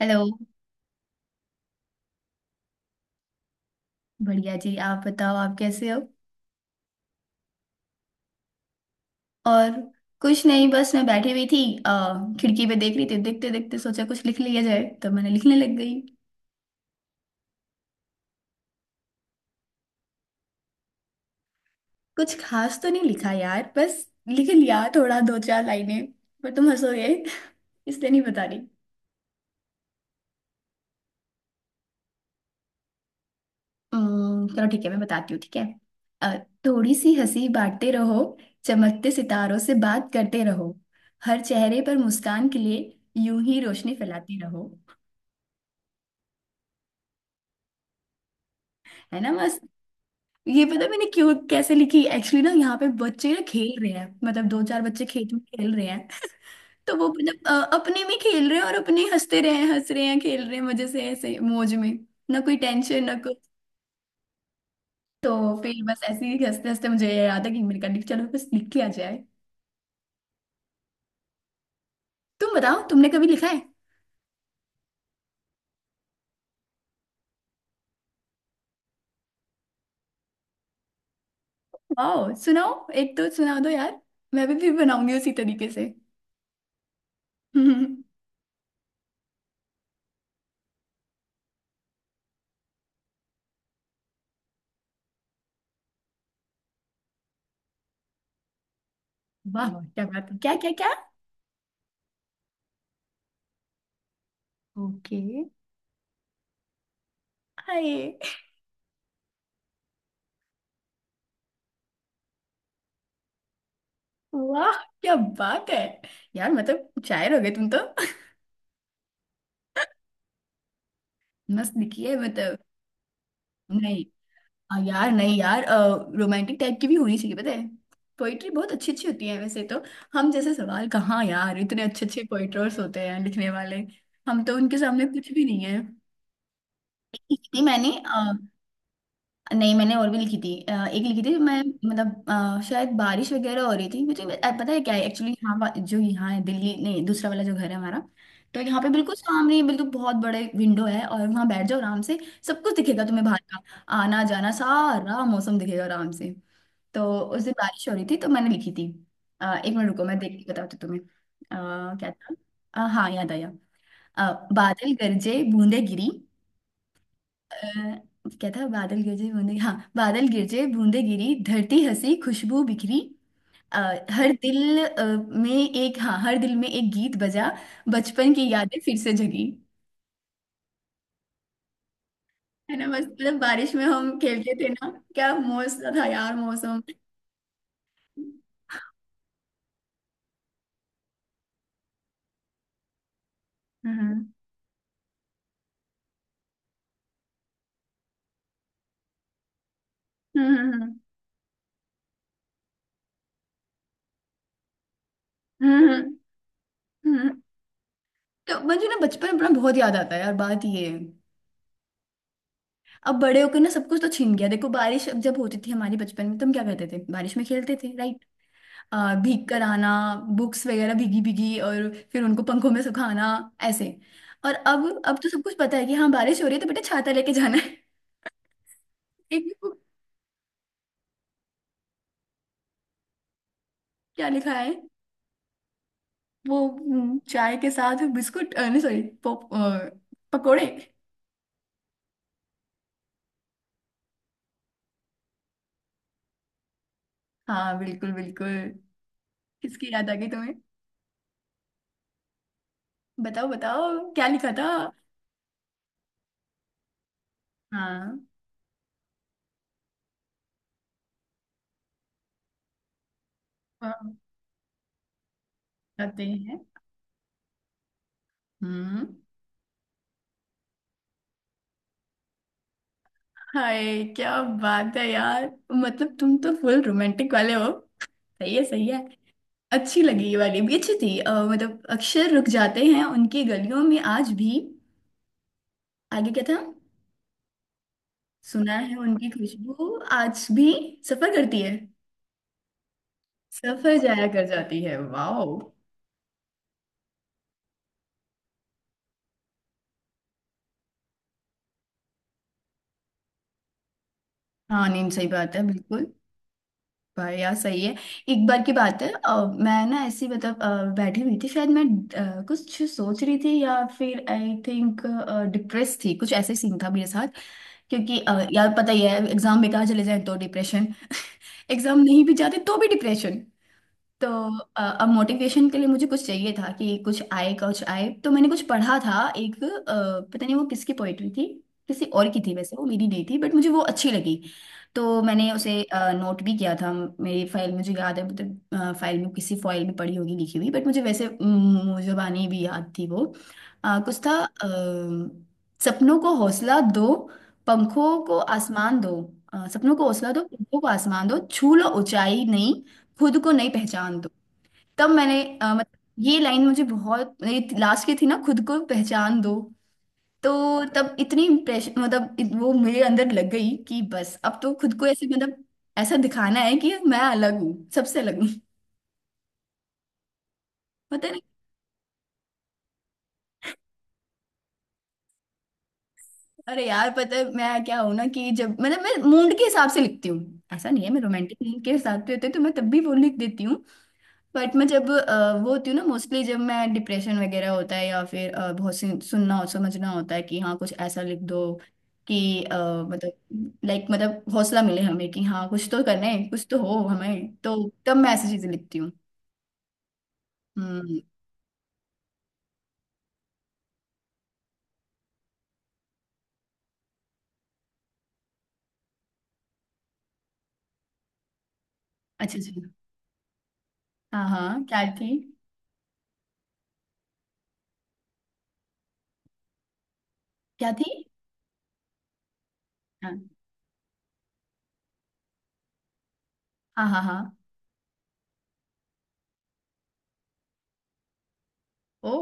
Hello. बढ़िया जी, आप बताओ आप कैसे हो। और कुछ नहीं, बस मैं बैठी हुई थी। खिड़की पे देख रही थी, देखते देखते सोचा कुछ लिख लिया जाए तो मैंने लिखने लग गई। कुछ खास तो नहीं लिखा यार, बस लिख लिया थोड़ा, दो चार लाइनें। पर तुम हंसोगे इसलिए नहीं बता रही। चलो ठीक है, मैं बताती हूँ, ठीक है। अ, थोड़ी सी हंसी बांटते रहो, चमकते सितारों से बात करते रहो, हर चेहरे पर मुस्कान के लिए यूं ही रोशनी फैलाते रहो। है ना। ये पता है मैंने क्यों कैसे लिखी, एक्चुअली ना यहाँ पे बच्चे ना खेल रहे हैं, मतलब दो चार बच्चे खेत में खेल रहे हैं। तो वो मतलब अपने में खेल रहे हैं, और अपने ही हंसते रहे हैं, हंस रहे हैं, खेल रहे हैं, मजे से ऐसे मौज में। ना कोई टेंशन ना कुछ। तो फिर बस ऐसे ही हंसते हंसते मुझे ये याद है कि मैंने कहा लिख, चलो बस लिख के आ जाए। तुम बताओ तुमने कभी लिखा है। वाओ, सुनाओ। एक तो सुना दो यार। मैं भी फिर बनाऊंगी उसी तरीके से। वाह वाह, क्या बात है, क्या क्या क्या। ओके। हाय। वाह, क्या बात है यार, मतलब शायर हो गए तुम तो। मस्त दिखी है मतलब। नहीं। यार नहीं यार। रोमांटिक टाइप की भी होनी चाहिए पता है। पोइट्री बहुत अच्छी अच्छी होती है वैसे तो। हम जैसे सवाल कहाँ यार, इतने अच्छे अच्छे पोइटर्स होते हैं लिखने वाले। हम तो उनके सामने कुछ भी नहीं है। इतनी मैंने। नहीं, मैंने और भी लिखी थी, एक लिखी थी मैं। मतलब शायद बारिश वगैरह हो रही थी, मुझे पता है क्या है एक्चुअली, यहाँ जो यहाँ है दिल्ली नहीं, दूसरा वाला जो घर है हमारा। तो यहाँ पे बिल्कुल सामने ही, बिल्कुल बहुत बड़े विंडो है और वहाँ बैठ जाओ आराम से। सब कुछ दिखेगा तुम्हें बाहर का। आना जाना, सारा मौसम दिखेगा आराम से। तो उस दिन बारिश हो रही थी तो मैंने लिखी थी। एक मिनट रुको, मैं देख के बताती हूँ तुम्हें। क्या था। हाँ, याद आया। अ, बादल गरजे बूंदे गिरी। क्या था, बादल गिरजे बूंदे, हाँ, बादल गिरजे बूंदे गिरी, धरती हंसी खुशबू बिखरी। अ, हर दिल में एक, हाँ, हर दिल में एक गीत बजा, बचपन की यादें फिर से जगी। है ना, बस मतलब बारिश में हम खेलते थे ना, क्या मौसम था यार, मौसम। हम्म, हम्म, हम्म, हम्म, हम्म, हम्म। तो मुझे ना बचपन अपना बहुत याद आता है यार, बात ये है। अब बड़े होकर ना सब कुछ तो छिन गया। देखो बारिश अब जब होती थी हमारे बचपन में, तो हम क्या करते थे, बारिश में खेलते थे, राइट। भीग कर आना, बुक्स वगैरह भीगी भीगी और फिर उनको पंखों में सुखाना। ऐसे। और अब तो सब कुछ पता है कि हाँ बारिश हो रही है तो बेटा छाता लेके जाना है। एक वो। क्या लिखा है। वो चाय के साथ बिस्कुट, नहीं सॉरी, पकोड़े। हाँ बिल्कुल बिल्कुल। किसकी याद आ गई तुम्हें, बताओ बताओ। क्या लिखा था। हाँ हाँ, बताते हैं। हम्म। हाय, क्या बात है यार, मतलब तुम तो फुल रोमांटिक वाले हो। सही है सही है। अच्छी लगी, ये वाली भी अच्छी थी, मतलब अक्षर रुक जाते हैं उनकी गलियों में आज भी। आगे क्या था। सुना है उनकी खुशबू आज भी सफर करती है। सफर जाया कर जाती है, वाह। हाँ नहीं, सही बात है बिल्कुल। भाई यार, सही है। एक बार की बात है, मैं ना ऐसी मतलब, बैठी हुई थी शायद मैं, कुछ सोच रही थी, या फिर आई थिंक डिप्रेस थी, कुछ ऐसे सीन था मेरे साथ। क्योंकि यार पता ही है, एग्जाम बेकार चले जाए तो डिप्रेशन, एग्जाम नहीं भी जाते तो भी डिप्रेशन। तो अब मोटिवेशन के लिए मुझे कुछ चाहिए था कि कुछ आए कुछ आए, तो मैंने कुछ पढ़ा था एक, पता नहीं वो किसकी पोएट्री थी, किसी और की थी वैसे, वो मेरी नहीं थी, बट मुझे वो अच्छी लगी। तो मैंने उसे नोट भी किया था। मेरी फाइल मुझे याद है, मतलब फाइल में, किसी फाइल में पड़ी होगी लिखी हुई, बट मुझे वैसे जुबानी भी याद थी वो। कुछ था, सपनों को हौसला दो, पंखों को आसमान दो, अ, सपनों को हौसला दो पंखों को आसमान दो, छू लो ऊंचाई नहीं, खुद को नहीं पहचान दो। तब मैंने मतलब ये लाइन मुझे बहुत, लास्ट की थी ना, खुद को पहचान दो, तो तब इतनी इम्प्रेशन, मतलब वो मेरे अंदर लग गई कि बस अब तो खुद को ऐसे मतलब ऐसा दिखाना है कि मैं अलग हूँ, सबसे अलग हूँ। पता नहीं। अरे यार, पता है मैं क्या हूँ ना, कि जब मतलब मैं मूड के हिसाब से लिखती हूँ, ऐसा नहीं है, मैं रोमांटिक मूड के हिसाब से होते तो मैं तब भी वो लिख देती हूँ। बट मैं जब वो होती हूँ ना मोस्टली, जब मैं डिप्रेशन वगैरह होता है, या फिर बहुत सी सुनना और समझना होता है कि हाँ कुछ ऐसा लिख दो कि मतलब लाइक मतलब हौसला मिले हमें, कि हाँ कुछ तो करना है, कुछ तो हो हमें, तो तब मैं ऐसी चीजें लिखती हूँ। हम्म। अच्छा जी। हाँ हाँ, क्या थी, क्या थी। हाँ हाँ, हाँ हाँ। ओ।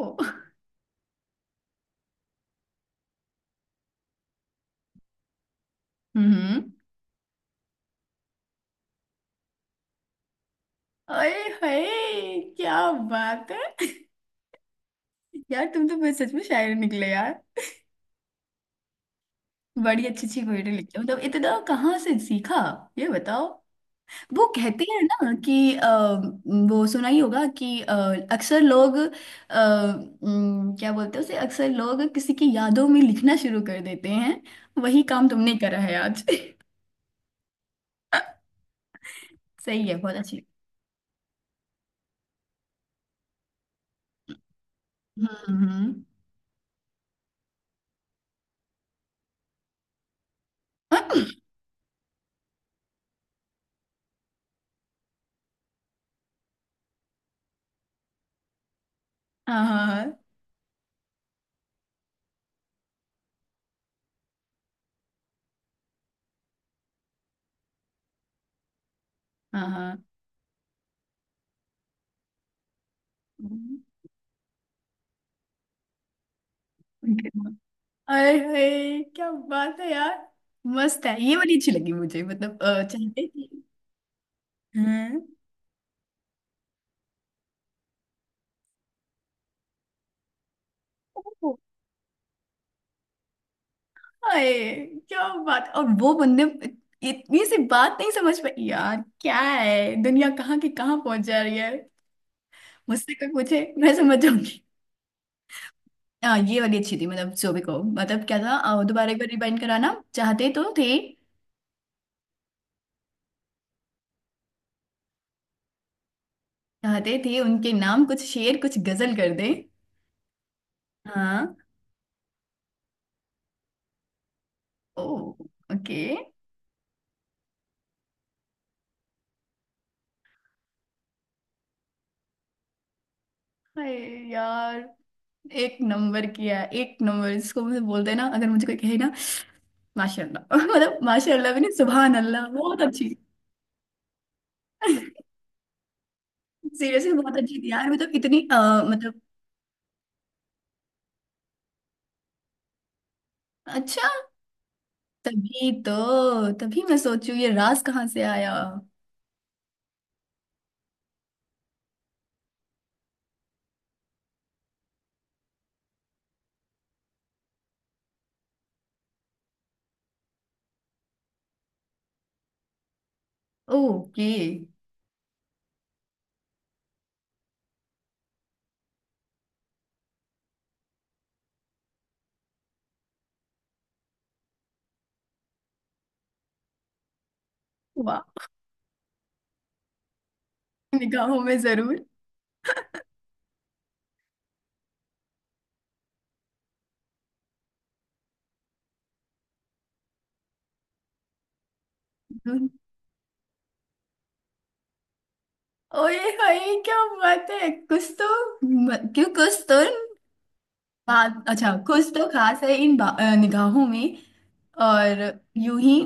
हम्म हम्म। अरे, हाय क्या बात है। यार तुम तो बस सच में शायर निकले यार। बड़ी अच्छी अच्छी पोएट्री लिखते हो, मतलब इतना कहाँ से सीखा, ये बताओ। वो कहते हैं ना कि वो सुना ही होगा कि अक्सर लोग क्या बोलते हैं उसे, अक्सर लोग किसी की यादों में लिखना शुरू कर देते हैं, वही काम तुमने करा है आज। सही है, बहुत अच्छी। हम्म हम्म। हाँ हाँ, हाँ हाँ। हम्म। अरे अरे, क्या बात है यार, मस्त है ये वाली, अच्छी लगी मुझे, मतलब चाहते थे। हाँ। हाय क्या बात, और वो बंदे इतनी सी बात नहीं समझ पाई यार, क्या है दुनिया कहाँ की कहाँ पहुंच जा रही है। मुझसे कोई पूछे मैं समझ जाऊंगी। हाँ ये वाली अच्छी थी, मतलब जो भी को, मतलब क्या था, दोबारा एक बार रिवाइंड कराना, चाहते तो थे, चाहते थे उनके नाम कुछ शेर कुछ गजल कर दे। हाँ। ओ। ओके। हाय यार, एक नंबर किया, एक नंबर इसको, मुझे बोलते हैं ना, अगर मुझे कोई कहे ना माशाल्लाह। मतलब माशाल्लाह भी नहीं, सुभान अल्लाह, बहुत अच्छी। सीरियसली बहुत अच्छी थी यार, मतलब इतनी मतलब अच्छा। तभी तो, तभी मैं सोचू ये राज कहाँ से आया। ओके। वाह। निगाहों में जरूर। ओए हाय, क्या बात है, कुछ तो क्यों, कुछ तो बात, अच्छा कुछ तो खास है इन निगाहों में, और यूं ही,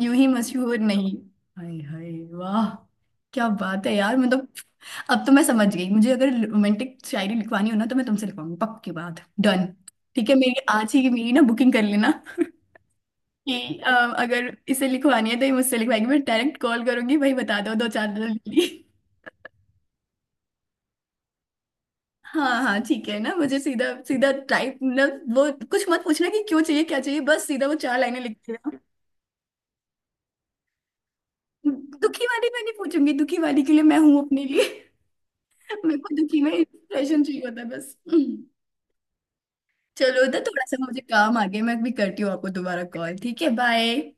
यूं ही मशहूर नहीं। हाय हाय, वाह, क्या बात है यार मतलब। अब तो मैं समझ गई, मुझे अगर रोमांटिक शायरी लिखवानी हो ना तो मैं तुमसे लिखवाऊंगी, पक्की बात। डन। ठीक है, मेरी आज ही की, मेरी ना बुकिंग कर लेना कि अगर इसे लिखवानी है तो ये मुझसे लिखवाएगी, मैं डायरेक्ट कॉल करूंगी, भाई बता दो दो चार दिन के लिए। हाँ हाँ ठीक है ना, मुझे सीधा सीधा टाइप, मतलब वो कुछ मत पूछना कि क्यों चाहिए क्या चाहिए, बस सीधा वो चार लाइनें लिख देना। दुखी वाली मैं नहीं पूछूंगी, दुखी वाली के लिए मैं हूँ अपने लिए। मेरे को दुखी में इंप्रेशन चाहिए होता है बस। चलो तो थोड़ा सा मुझे काम आ गया, मैं अभी करती हूँ आपको दोबारा कॉल, ठीक है, बाय।